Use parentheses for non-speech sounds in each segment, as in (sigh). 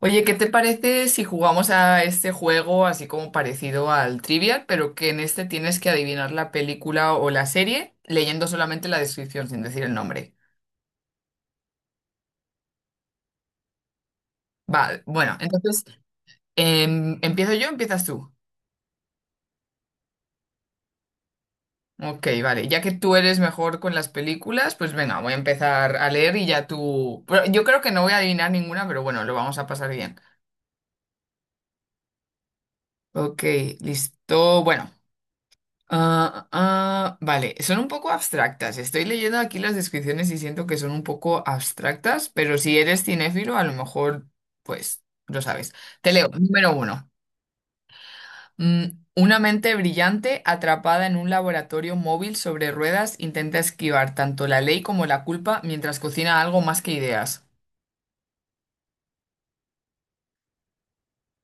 Oye, ¿qué te parece si jugamos a este juego así como parecido al Trivial, pero que en este tienes que adivinar la película o la serie leyendo solamente la descripción sin decir el nombre? Vale, bueno, entonces, ¿empiezo yo o empiezas tú? Ok, vale, ya que tú eres mejor con las películas, pues venga, voy a empezar a leer y ya tú... Pero yo creo que no voy a adivinar ninguna, pero bueno, lo vamos a pasar bien. Ok, listo. Bueno, ah, ah, vale, son un poco abstractas. Estoy leyendo aquí las descripciones y siento que son un poco abstractas, pero si eres cinéfilo, a lo mejor, pues, lo sabes. Te leo, número uno. Mm, una mente brillante atrapada en un laboratorio móvil sobre ruedas intenta esquivar tanto la ley como la culpa mientras cocina algo más que ideas.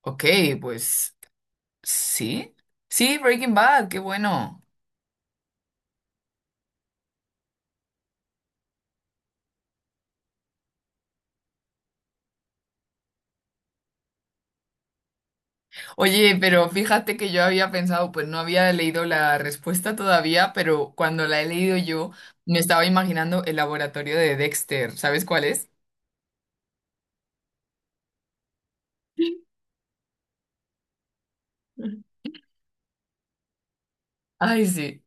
Ok, pues, sí. Sí, Breaking Bad, qué bueno. Oye, pero fíjate que yo había pensado, pues no había leído la respuesta todavía, pero cuando la he leído yo, me estaba imaginando el laboratorio de Dexter. ¿Sabes cuál es? Ay, sí.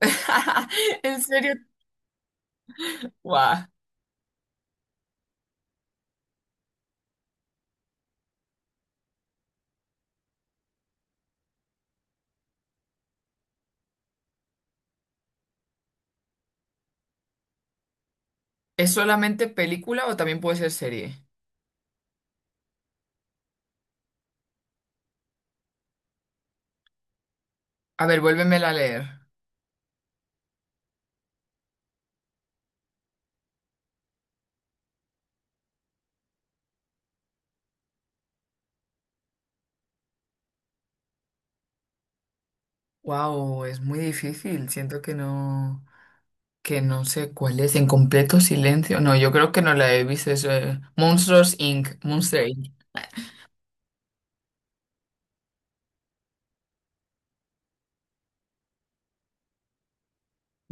(laughs) ¿En serio? Guau. ¿Es solamente película o también puede ser serie? A ver, vuélvemela a leer. Wow, es muy difícil. Siento que no sé cuál es. En completo silencio. No, yo creo que no la he visto. Es, Monsters Inc. Monster Inc.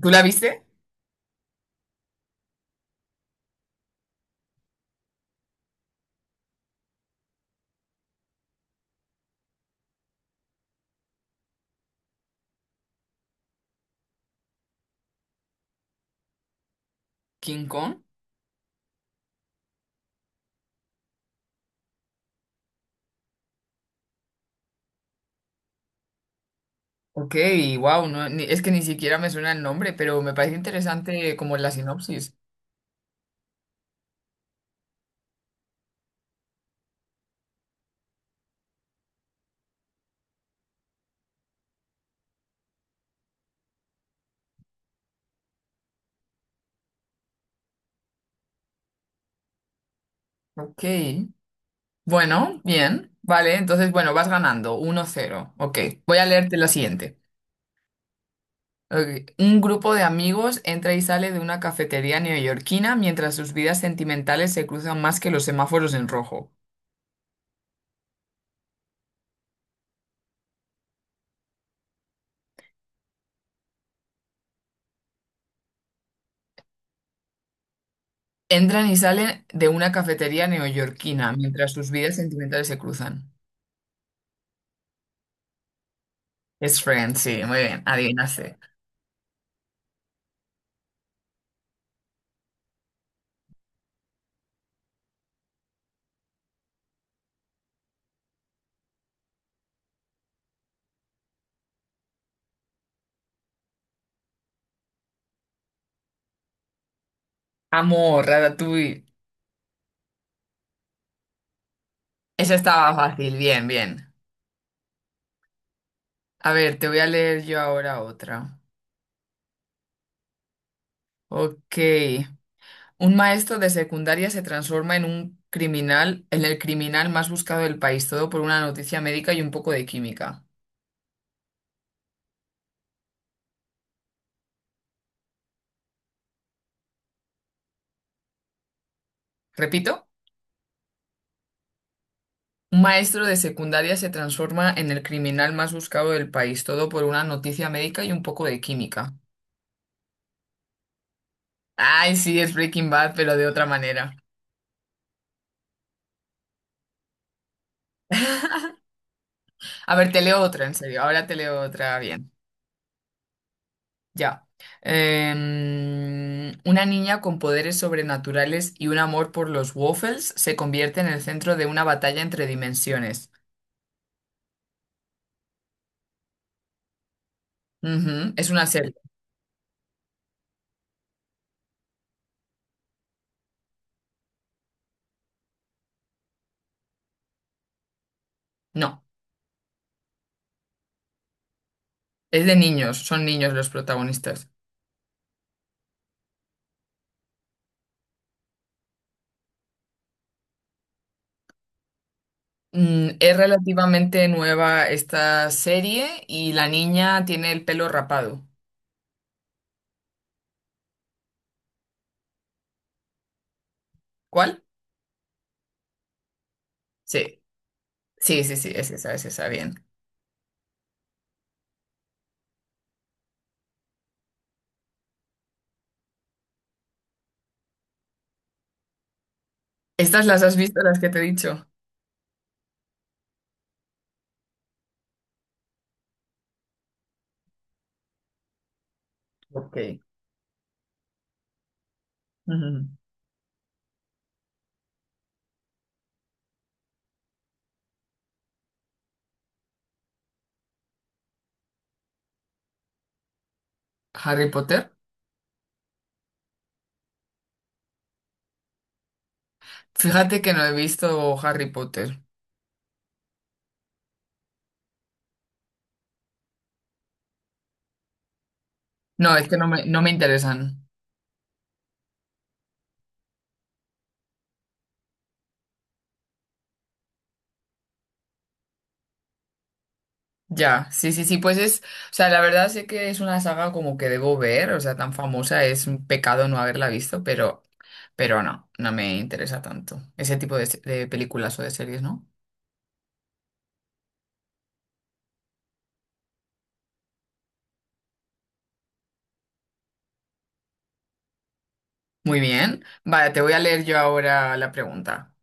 ¿Tú la viste? ¿King Kong? Ok, wow, no, ni- es que ni siquiera me suena el nombre, pero me parece interesante como la sinopsis. Ok, bueno, bien, vale, entonces, bueno, vas ganando, 1-0. Ok, voy a leerte la siguiente. Ok, un grupo de amigos entra y sale de una cafetería neoyorquina mientras sus vidas sentimentales se cruzan más que los semáforos en rojo. Entran y salen de una cafetería neoyorquina mientras sus vidas sentimentales se cruzan. Es Friends, sí, muy bien, adivinaste. Amor, Ratatouille. Esa estaba fácil, bien, bien. A ver, te voy a leer yo ahora otra. Ok. Un maestro de secundaria se transforma en un criminal, en el criminal más buscado del país, todo por una noticia médica y un poco de química. Repito, un maestro de secundaria se transforma en el criminal más buscado del país, todo por una noticia médica y un poco de química. Ay, sí, es Breaking Bad, pero de otra manera. A ver, te leo otra, en serio. Ahora te leo otra bien. Ya. Una niña con poderes sobrenaturales y un amor por los waffles se convierte en el centro de una batalla entre dimensiones. Ujú, es una serie. No, es de niños, son niños los protagonistas. Mm, es relativamente nueva esta serie y la niña tiene el pelo rapado. ¿Cuál? Sí, sí, sí, sí, es esa, bien. ¿Estas las has visto, las que te he dicho? Ok. Ujú. ¿Harry Potter? Fíjate que no he visto Harry Potter. No, es que no me interesan. Ya, sí, sí, sí, pues es, o sea, la verdad sé que es una saga como que debo ver, o sea, tan famosa, es un pecado no haberla visto, pero no, no me interesa tanto ese tipo de, se- de películas o de series, ¿no? Muy bien, vale, te voy a leer yo ahora la pregunta.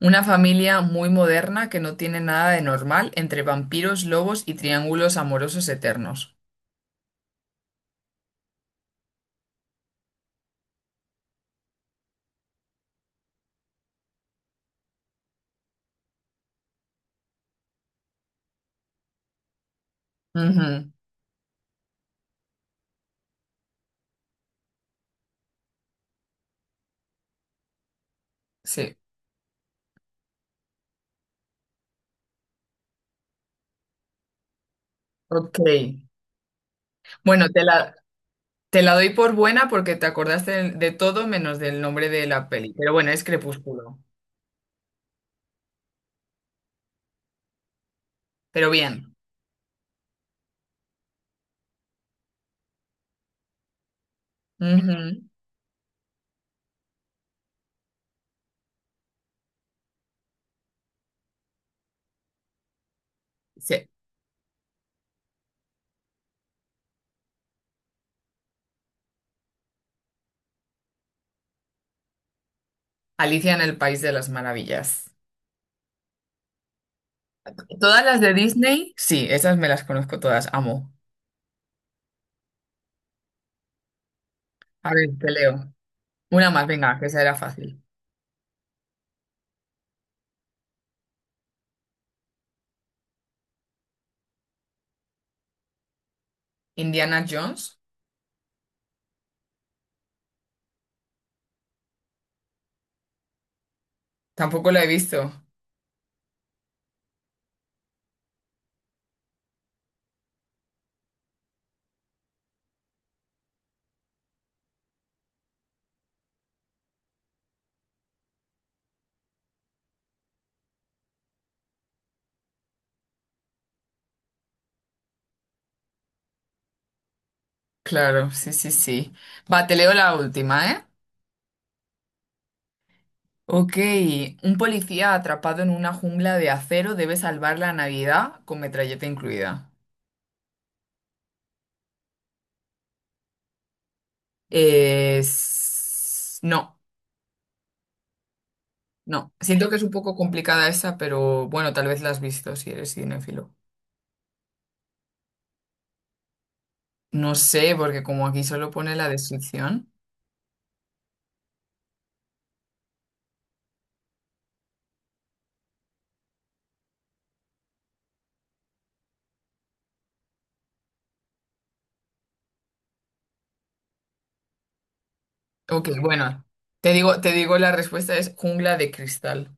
Una familia muy moderna que no tiene nada de normal entre vampiros, lobos y triángulos amorosos eternos. Ujú, sí, ok. Bueno, te la, te la doy por buena porque te acordaste de todo menos del nombre de la peli. Pero bueno, es Crepúsculo. Pero bien. Ujú. Sí. Alicia en el País de las Maravillas. Todas las de Disney, sí, esas me las conozco todas, amo. A ver, te leo. Una más, venga, que esa era fácil. Indiana Jones, tampoco la he visto. Claro, sí, sí, sí. Va, te leo la última, ¿eh? Ok, un policía atrapado en una jungla de acero debe salvar la Navidad con metralleta incluida. Es- no, no. Siento que es un poco complicada esa, pero bueno, tal vez la has visto si eres cinéfilo. No sé, porque como aquí solo pone la descripción. Ok, bueno, te digo la respuesta es jungla de cristal.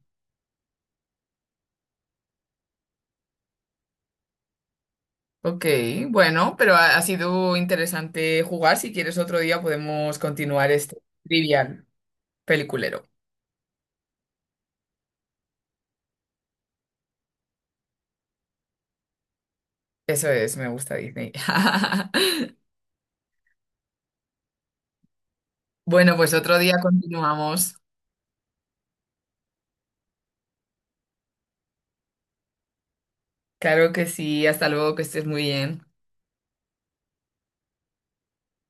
Ok, bueno, pero ha sido interesante jugar. Si quieres otro día podemos continuar este trivial peliculero. Eso es, me gusta Disney. (laughs) Bueno, pues otro día continuamos. Claro que sí, hasta luego, que estés muy bien.